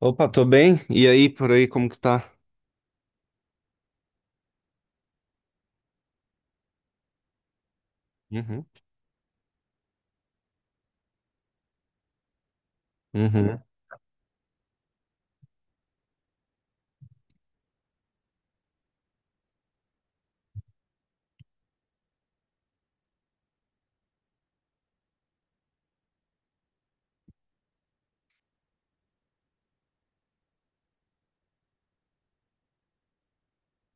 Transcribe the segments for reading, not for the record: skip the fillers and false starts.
Opa, tô bem? E aí, por aí, como que tá? Uhum. Uhum.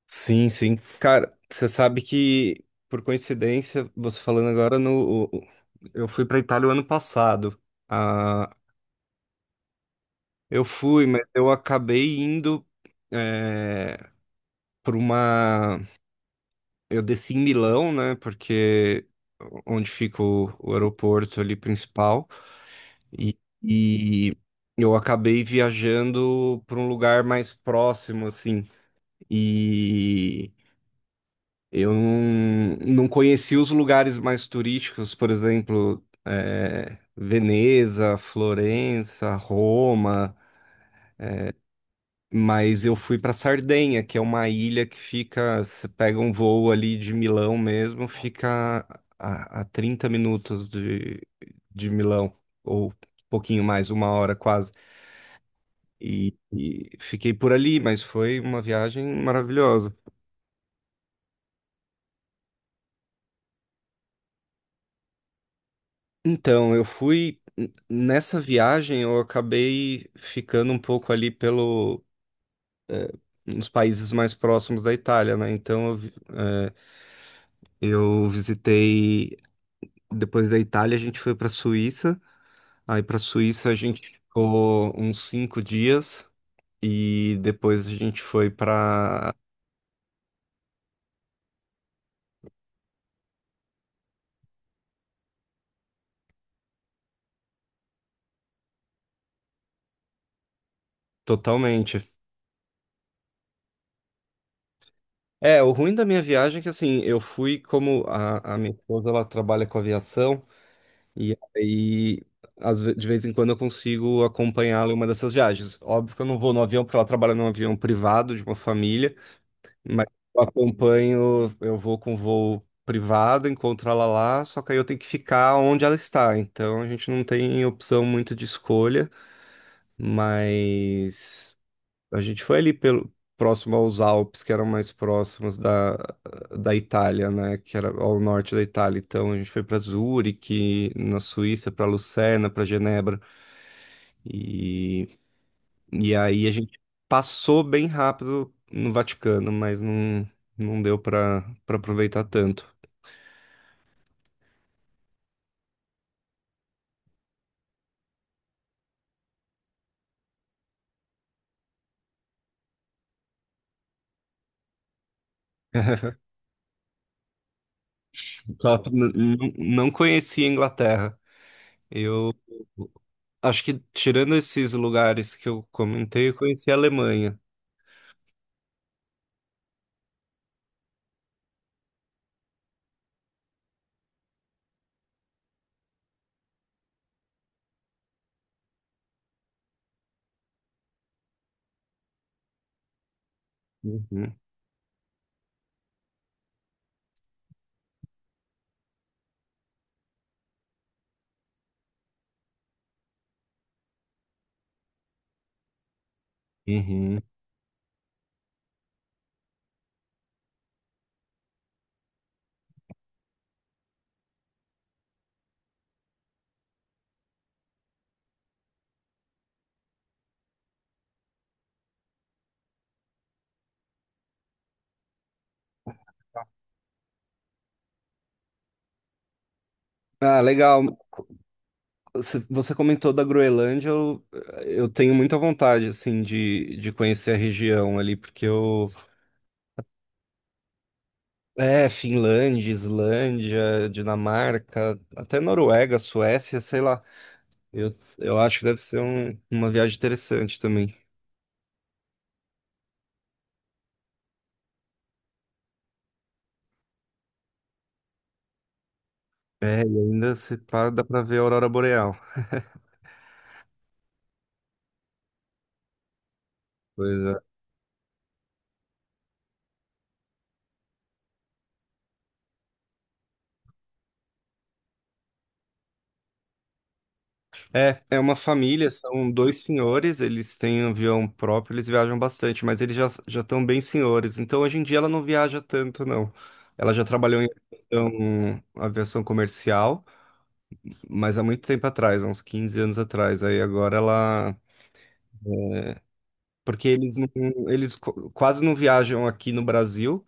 Sim, sim. Cara, você sabe que, por coincidência, você falando agora no. O- eu fui pra Itália o ano passado. Ah, eu fui, mas eu acabei indo é, pra uma. Eu desci em Milão, né? Porque onde fica o aeroporto ali principal. E, e eu acabei viajando pra um lugar mais próximo, assim. E eu não conheci os lugares mais turísticos, por exemplo, Veneza, Florença, Roma, mas eu fui para Sardenha, que é uma ilha que fica, você pega um voo ali de Milão mesmo, fica a 30 minutos de Milão, ou um pouquinho mais, uma hora quase. E fiquei por ali, mas foi uma viagem maravilhosa. Então, eu fui nessa viagem, eu acabei ficando um pouco ali pelo eh, nos países mais próximos da Itália, né? Então, eu visitei depois da Itália, a gente foi para Suíça. Aí para Suíça a gente ficou uns 5 dias e depois a gente foi para totalmente. É, o ruim da minha viagem é que assim, eu fui como a minha esposa ela trabalha com aviação. E aí, de vez em quando eu consigo acompanhá-la em uma dessas viagens. Óbvio que eu não vou no avião, porque ela trabalha num avião privado de uma família, mas eu acompanho, eu vou com voo privado, encontro ela lá, só que aí eu tenho que ficar onde ela está. Então a gente não tem opção muito de escolha, mas. A gente foi ali pelo, próximo aos Alpes, que eram mais próximos da Itália, né? Que era ao norte da Itália. Então a gente foi para Zurique, na Suíça, para Lucerna, para Genebra. E, e aí a gente passou bem rápido no Vaticano, mas não deu para aproveitar tanto. Só que não conhecia a Inglaterra. Eu acho que tirando esses lugares que eu comentei, eu conheci a Alemanha. Uhum. Uhum. Ah, legal. Você comentou da Groenlândia, eu tenho muita vontade, assim, de conhecer a região ali, porque eu... É, Finlândia, Islândia, Dinamarca, até Noruega, Suécia, sei lá. Eu acho que deve ser uma viagem interessante também. É, e ainda se pá, dá pra ver a aurora boreal. Pois é. É, uma família, são dois senhores, eles têm avião próprio, eles viajam bastante, mas eles já estão bem senhores. Então hoje em dia ela não viaja tanto, não. Ela já trabalhou em aviação, aviação comercial, mas há muito tempo atrás, há uns 15 anos atrás. Aí agora ela, porque eles não, quase não viajam aqui no Brasil.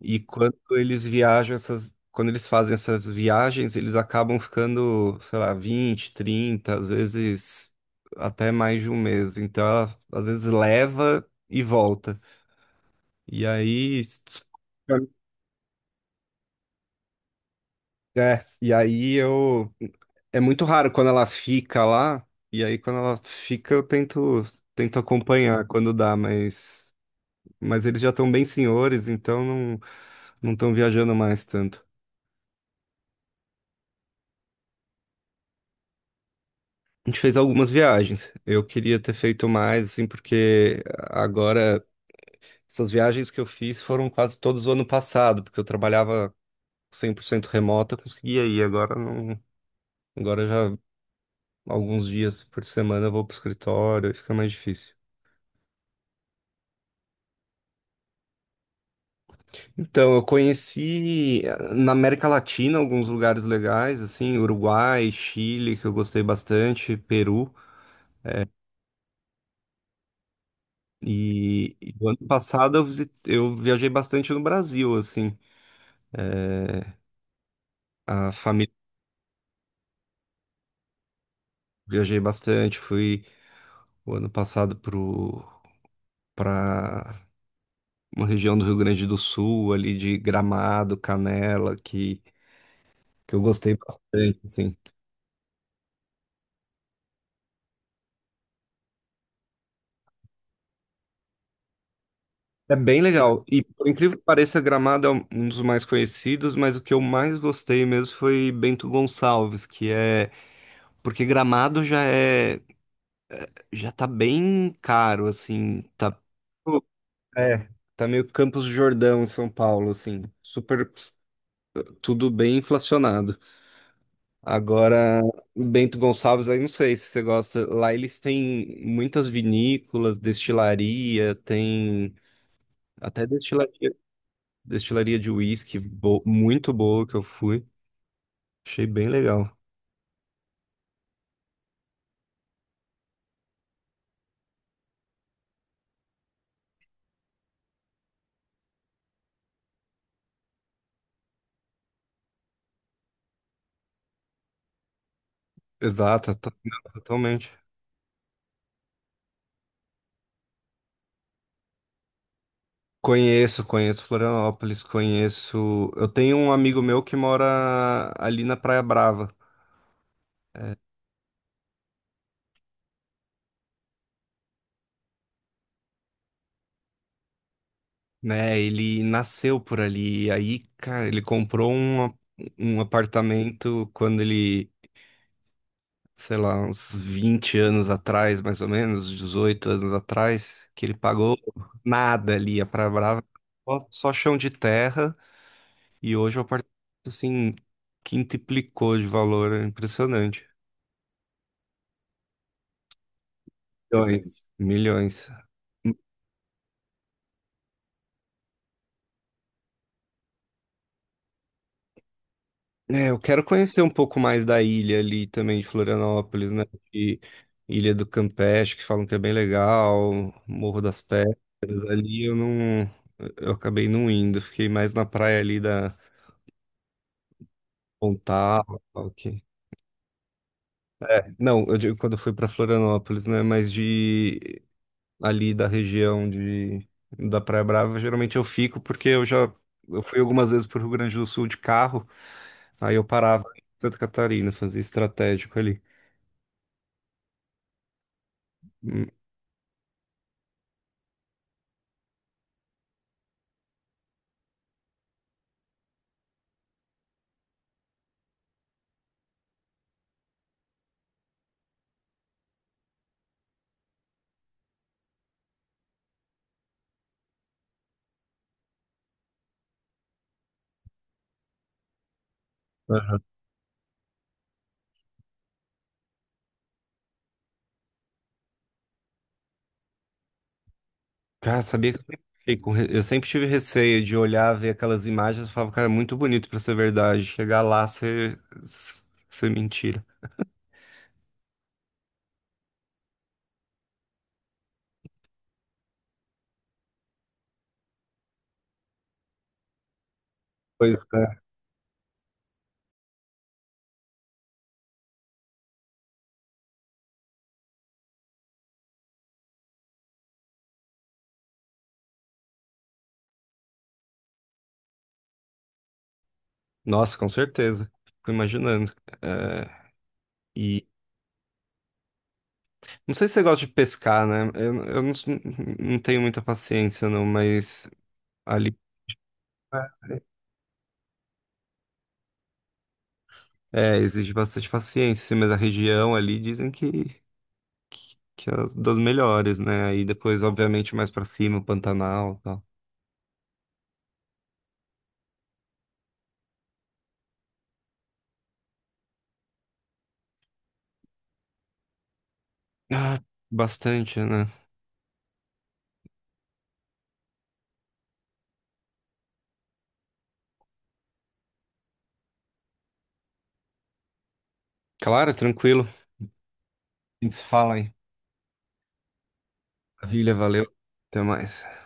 E quando quando eles fazem essas viagens, eles acabam ficando, sei lá, 20, 30, às vezes até mais de um mês. Então, ela, às vezes leva e volta. E aí, é, e aí eu é muito raro quando ela fica lá, e aí quando ela fica eu tento acompanhar quando dá, mas eles já estão bem senhores, então não estão viajando mais tanto. A gente fez algumas viagens. Eu queria ter feito mais, assim, porque agora essas viagens que eu fiz foram quase todas o ano passado, porque eu trabalhava 100% remoto, eu conseguia ir. Agora não, agora já alguns dias por semana eu vou pro escritório e fica mais difícil. Então, eu conheci na América Latina alguns lugares legais, assim, Uruguai, Chile, que eu gostei bastante, Peru. E o ano passado eu viajei bastante no Brasil, assim. eh, A família, viajei bastante, fui o ano passado pro para uma região do Rio Grande do Sul, ali de Gramado, Canela, que eu gostei bastante, assim. É bem legal. E por incrível que pareça, Gramado é um dos mais conhecidos, mas o que eu mais gostei mesmo foi Bento Gonçalves, que é porque Gramado já tá bem caro, assim, é, tá meio Campos do Jordão em São Paulo, assim, super tudo bem inflacionado. Agora, Bento Gonçalves, aí não sei se você gosta. Lá eles têm muitas vinícolas, destilaria, tem até destilaria, destilaria de uísque muito boa que eu fui. Achei bem legal. Exato, não, totalmente. Conheço, conheço Florianópolis, conheço. Eu tenho um amigo meu que mora ali na Praia Brava, é, né? Ele nasceu por ali. E aí, cara, ele comprou um apartamento quando ele sei lá, uns 20 anos atrás, mais ou menos, 18 anos atrás, que ele pagou nada ali, a Praia Brava, só chão de terra, e hoje é o apartamento, assim, quintuplicou de valor, é impressionante. Milhões. Milhões. É, eu quero conhecer um pouco mais da ilha ali também de Florianópolis, né? E Ilha do Campeche, que falam que é bem legal, Morro das Pedras, ali eu não, eu acabei não indo, fiquei mais na praia ali da Pontal, ok. Não, eu digo quando eu fui para Florianópolis, né? Mas de ali da região de da Praia Brava, geralmente eu fico porque eu já eu fui algumas vezes para o Rio Grande do Sul de carro, aí eu parava em Santa Catarina, fazia estratégico ali. Hum, é. Cara, sabia que eu sempre, fiquei com re- eu sempre tive receio de olhar, ver aquelas imagens e falava, cara, é muito bonito para ser verdade. Chegar lá, ser mentira. Pois é. Nossa, com certeza. Fico imaginando. É, não sei se você gosta de pescar, né? Eu não tenho muita paciência, não, mas ali É. Exige bastante paciência, assim, mas a região ali dizem que é das melhores, né? Aí depois, obviamente, mais pra cima, o Pantanal e tal. Ah, bastante, né? Claro, tranquilo. A gente se fala aí. Maravilha, valeu. Até mais.